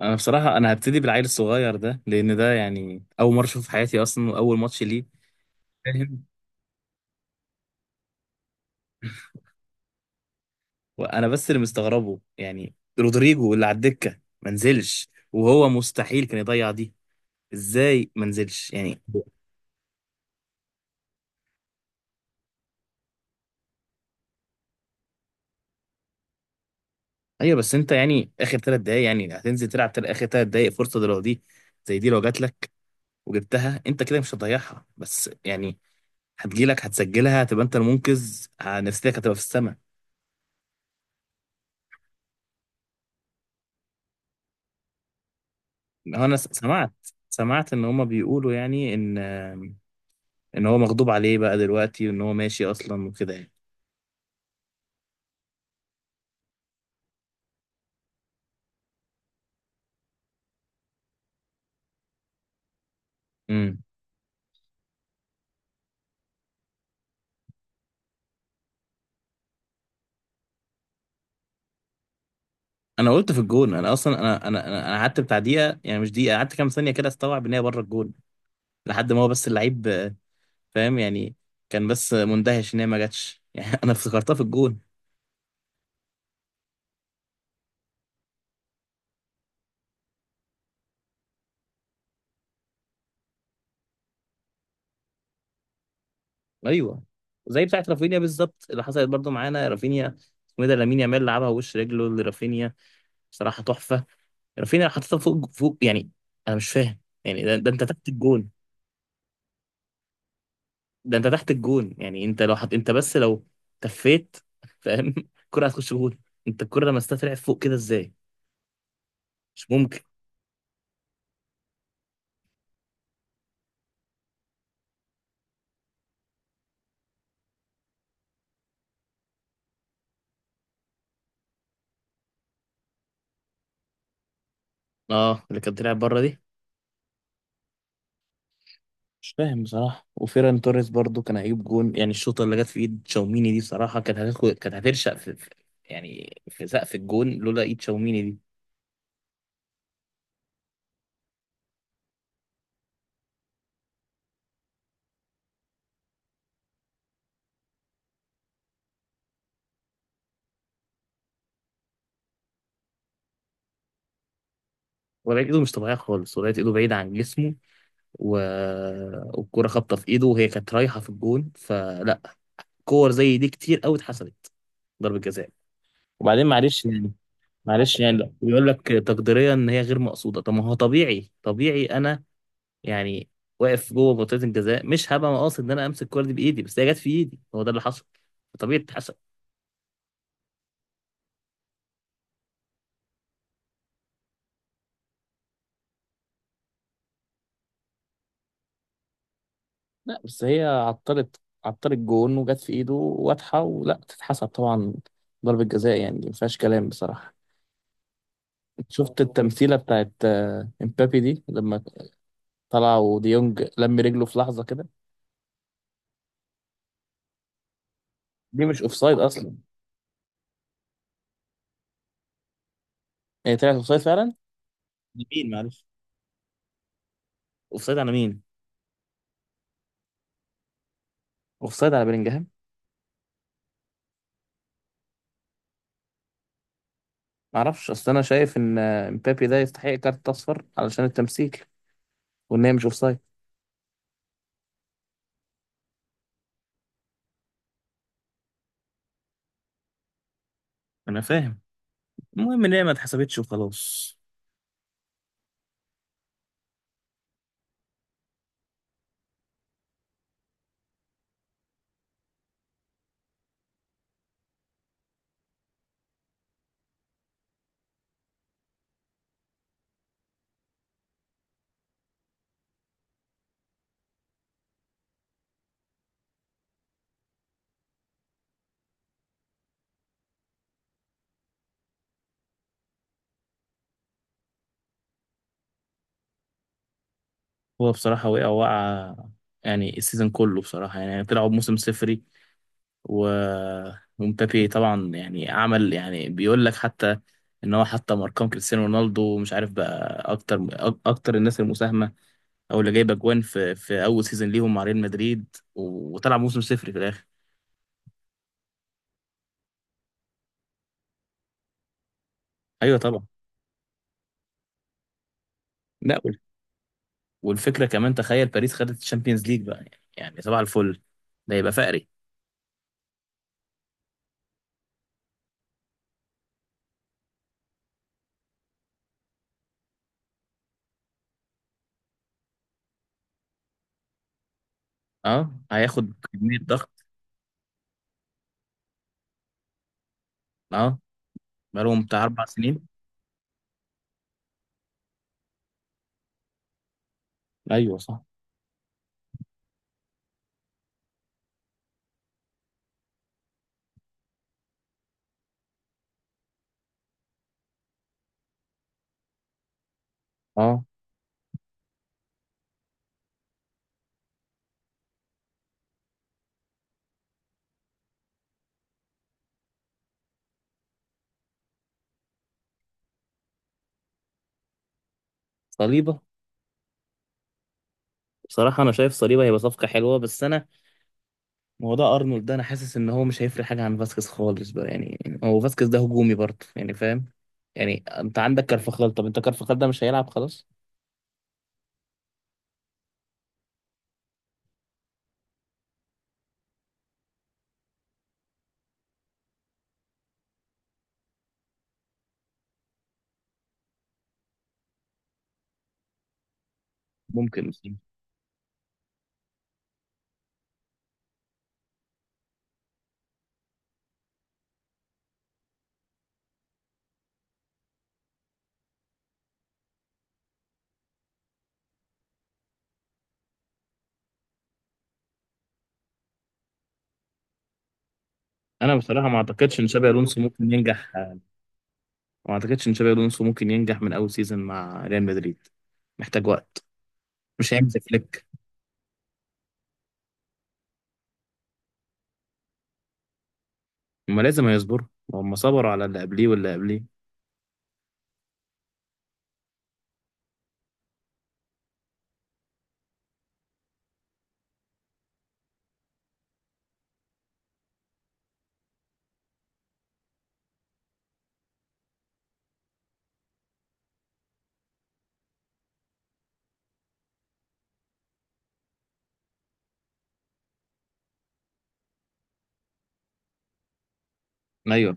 انا بصراحه هبتدي بالعيل الصغير ده، لان ده يعني اول مره اشوفه في حياتي اصلا، واول ماتش ليه. فاهم؟ وانا بس اللي مستغربه، يعني رودريجو اللي على الدكه ما نزلش، وهو مستحيل كان يضيع دي. ازاي ما نزلش يعني؟ ايوه، بس انت يعني اخر 3 دقايق يعني هتنزل تلعب، اخر 3 دقايق، فرصه دي، لو دي زي دي لو جات لك وجبتها انت كده، مش هتضيعها بس يعني. هتجيلك، هتسجلها، هتبقى انت المنقذ، نفسيتك هتبقى في السماء. هو انا سمعت ان هما بيقولوا يعني ان هو مغضوب عليه بقى دلوقتي، وان هو ماشي اصلا وكده يعني. امم انا قلت في الجون، انا اصلا انا انا انا أنا قعدت بتاع دقيقه، يعني مش دقيقه، قعدت كام ثانيه كده استوعب ان هي بره الجون، لحد ما هو بس اللعيب. فاهم يعني؟ كان بس مندهش ان هي ما جاتش يعني، انا افتكرتها في الجون. ايوه، زي بتاعت رافينيا بالظبط اللي حصلت برضو معانا، رافينيا، اسمه إيه ده، لامين يامال لعبها وش رجله لرافينيا، بصراحه تحفه. رافينيا حطيتها فوق فوق يعني، انا مش فاهم يعني. ده انت تحت الجون، ده انت تحت الجون، يعني انت لو حط، انت بس لو تفيت، فاهم؟ الكرة هتخش جون. انت الكرة لما طلعت فوق كده ازاي؟ مش ممكن. اه، اللي كانت طلعت بره دي. مش فاهم بصراحة. وفيران توريس برضو كان هيجيب جون، يعني الشوطة اللي جت في ايد تشاوميني دي بصراحة كانت هترشق في يعني في سقف الجون، لولا ايد تشاوميني دي. ولقيت ايده مش طبيعية خالص، ولقيت ايده بعيدة عن جسمه، و... والكرة خابطة في ايده، وهي كانت رايحة في الجون. فلا، كور زي دي كتير قوي اتحسبت ضربة جزاء. وبعدين معلش يعني، معلش يعني. لا، بيقول لك تقديريا ان هي غير مقصوده. طب ما هو طبيعي، طبيعي انا يعني واقف جوه منطقه الجزاء، مش هبقى قاصد ان انا امسك الكوره دي بايدي، بس هي جت في ايدي، هو ده اللي حصل. طبيعي تتحسب. لا، بس هي عطلت جون، وجت في ايده واضحه، ولا تتحسب طبعا ضربه جزاء يعني، دي ما فيهاش كلام بصراحه. شفت التمثيله بتاعت امبابي دي لما طلع وديونج لم رجله في لحظه كده؟ دي مش اوفسايد اصلا. هي طلعت اوفسايد فعلا. لمين معلش؟ اوفسايد على مين؟ اوفسايد على بلينجهام. معرفش، اصل انا شايف ان امبابي ده يستحق كارت اصفر علشان التمثيل، وان هي مش اوفسايد. انا فاهم، المهم ان هي ما اتحسبتش وخلاص. هو بصراحه وقع وقع، يعني السيزون كله بصراحه يعني طلعوا بموسم صفري. و ومبابي طبعا يعني عمل يعني، بيقول لك حتى ان هو حطم ارقام كريستيانو رونالدو، ومش عارف بقى اكتر اكتر الناس المساهمه، او اللي جايبه اجوان في اول سيزون ليهم مع ريال مدريد، وطلع موسم صفري في الاخر. ايوه طبعا. لا، والفكره كمان، تخيل باريس خدت الشامبيونز ليج بقى، يعني صباح الفل، ده يبقى فقري. اه، هياخد كميه ضغط. اه، بقالهم بتاع 4 سنين. ايوه صح. اه، صليبه. بصراحه انا شايف صليبه هيبقى صفقه حلوه، بس انا موضوع ارنولد ده انا حاسس ان هو مش هيفرق حاجه عن فاسكيز خالص بقى يعني. هو فاسكيز ده هجومي برضه يعني، فاهم؟ يعني انت عندك كارفاخال، طب انت كارفاخال ده مش هيلعب خلاص. ممكن. انا بصراحه ما اعتقدش ان شابي الونسو ممكن ينجح، وما اعتقدش ان شابي الونسو ممكن ينجح من اول سيزون مع ريال مدريد. محتاج وقت. مش هيعمل زي فليك. هما لازم هيصبروا، وهم صبروا على اللي قبليه واللي قبليه. ايوه،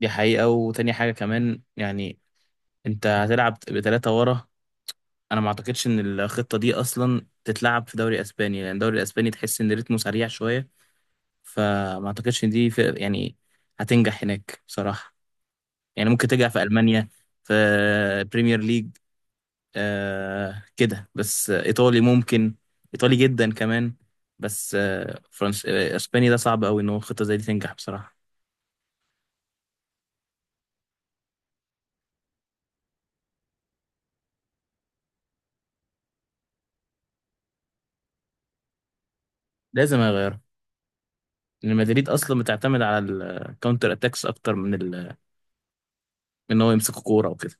دي حقيقة. وتاني حاجة كمان يعني، انت هتلعب بثلاثة ورا، انا ما اعتقدش ان الخطة دي اصلا تتلعب في دوري اسباني، لان الدوري الاسباني تحس ان رتمه سريع شوية. فما اعتقدش ان دي في يعني هتنجح هناك بصراحة. يعني ممكن تنجح في المانيا، في بريمير ليج، كده بس. ايطالي ممكن، ايطالي جدا كمان. بس فرنس، اسباني ده صعب قوي ان هو خطه زي دي تنجح بصراحه. لازم اغيرها، لان مدريد اصلا بتعتمد على الكاونتر اتاكس اكتر من من ان هو يمسك كوره وكده.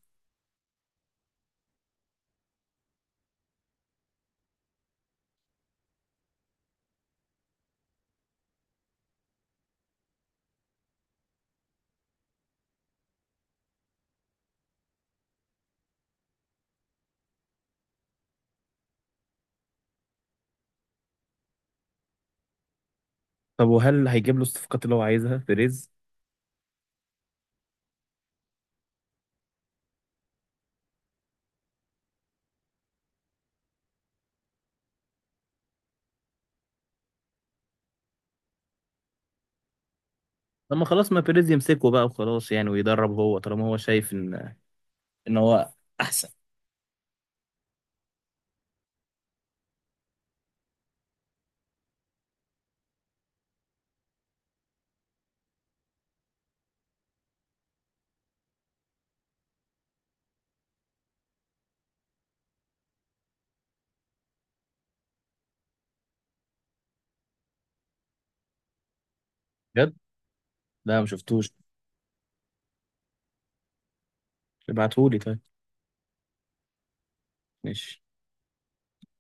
طب وهل هيجيب له الصفقات اللي هو عايزها بيريز؟ لما خلاص، ما بيريز يمسكه بقى وخلاص يعني ويدرب هو، طالما هو شايف ان هو احسن. بجد؟ لا، ما شفتوش. ابعتهولي طيب. ماشي.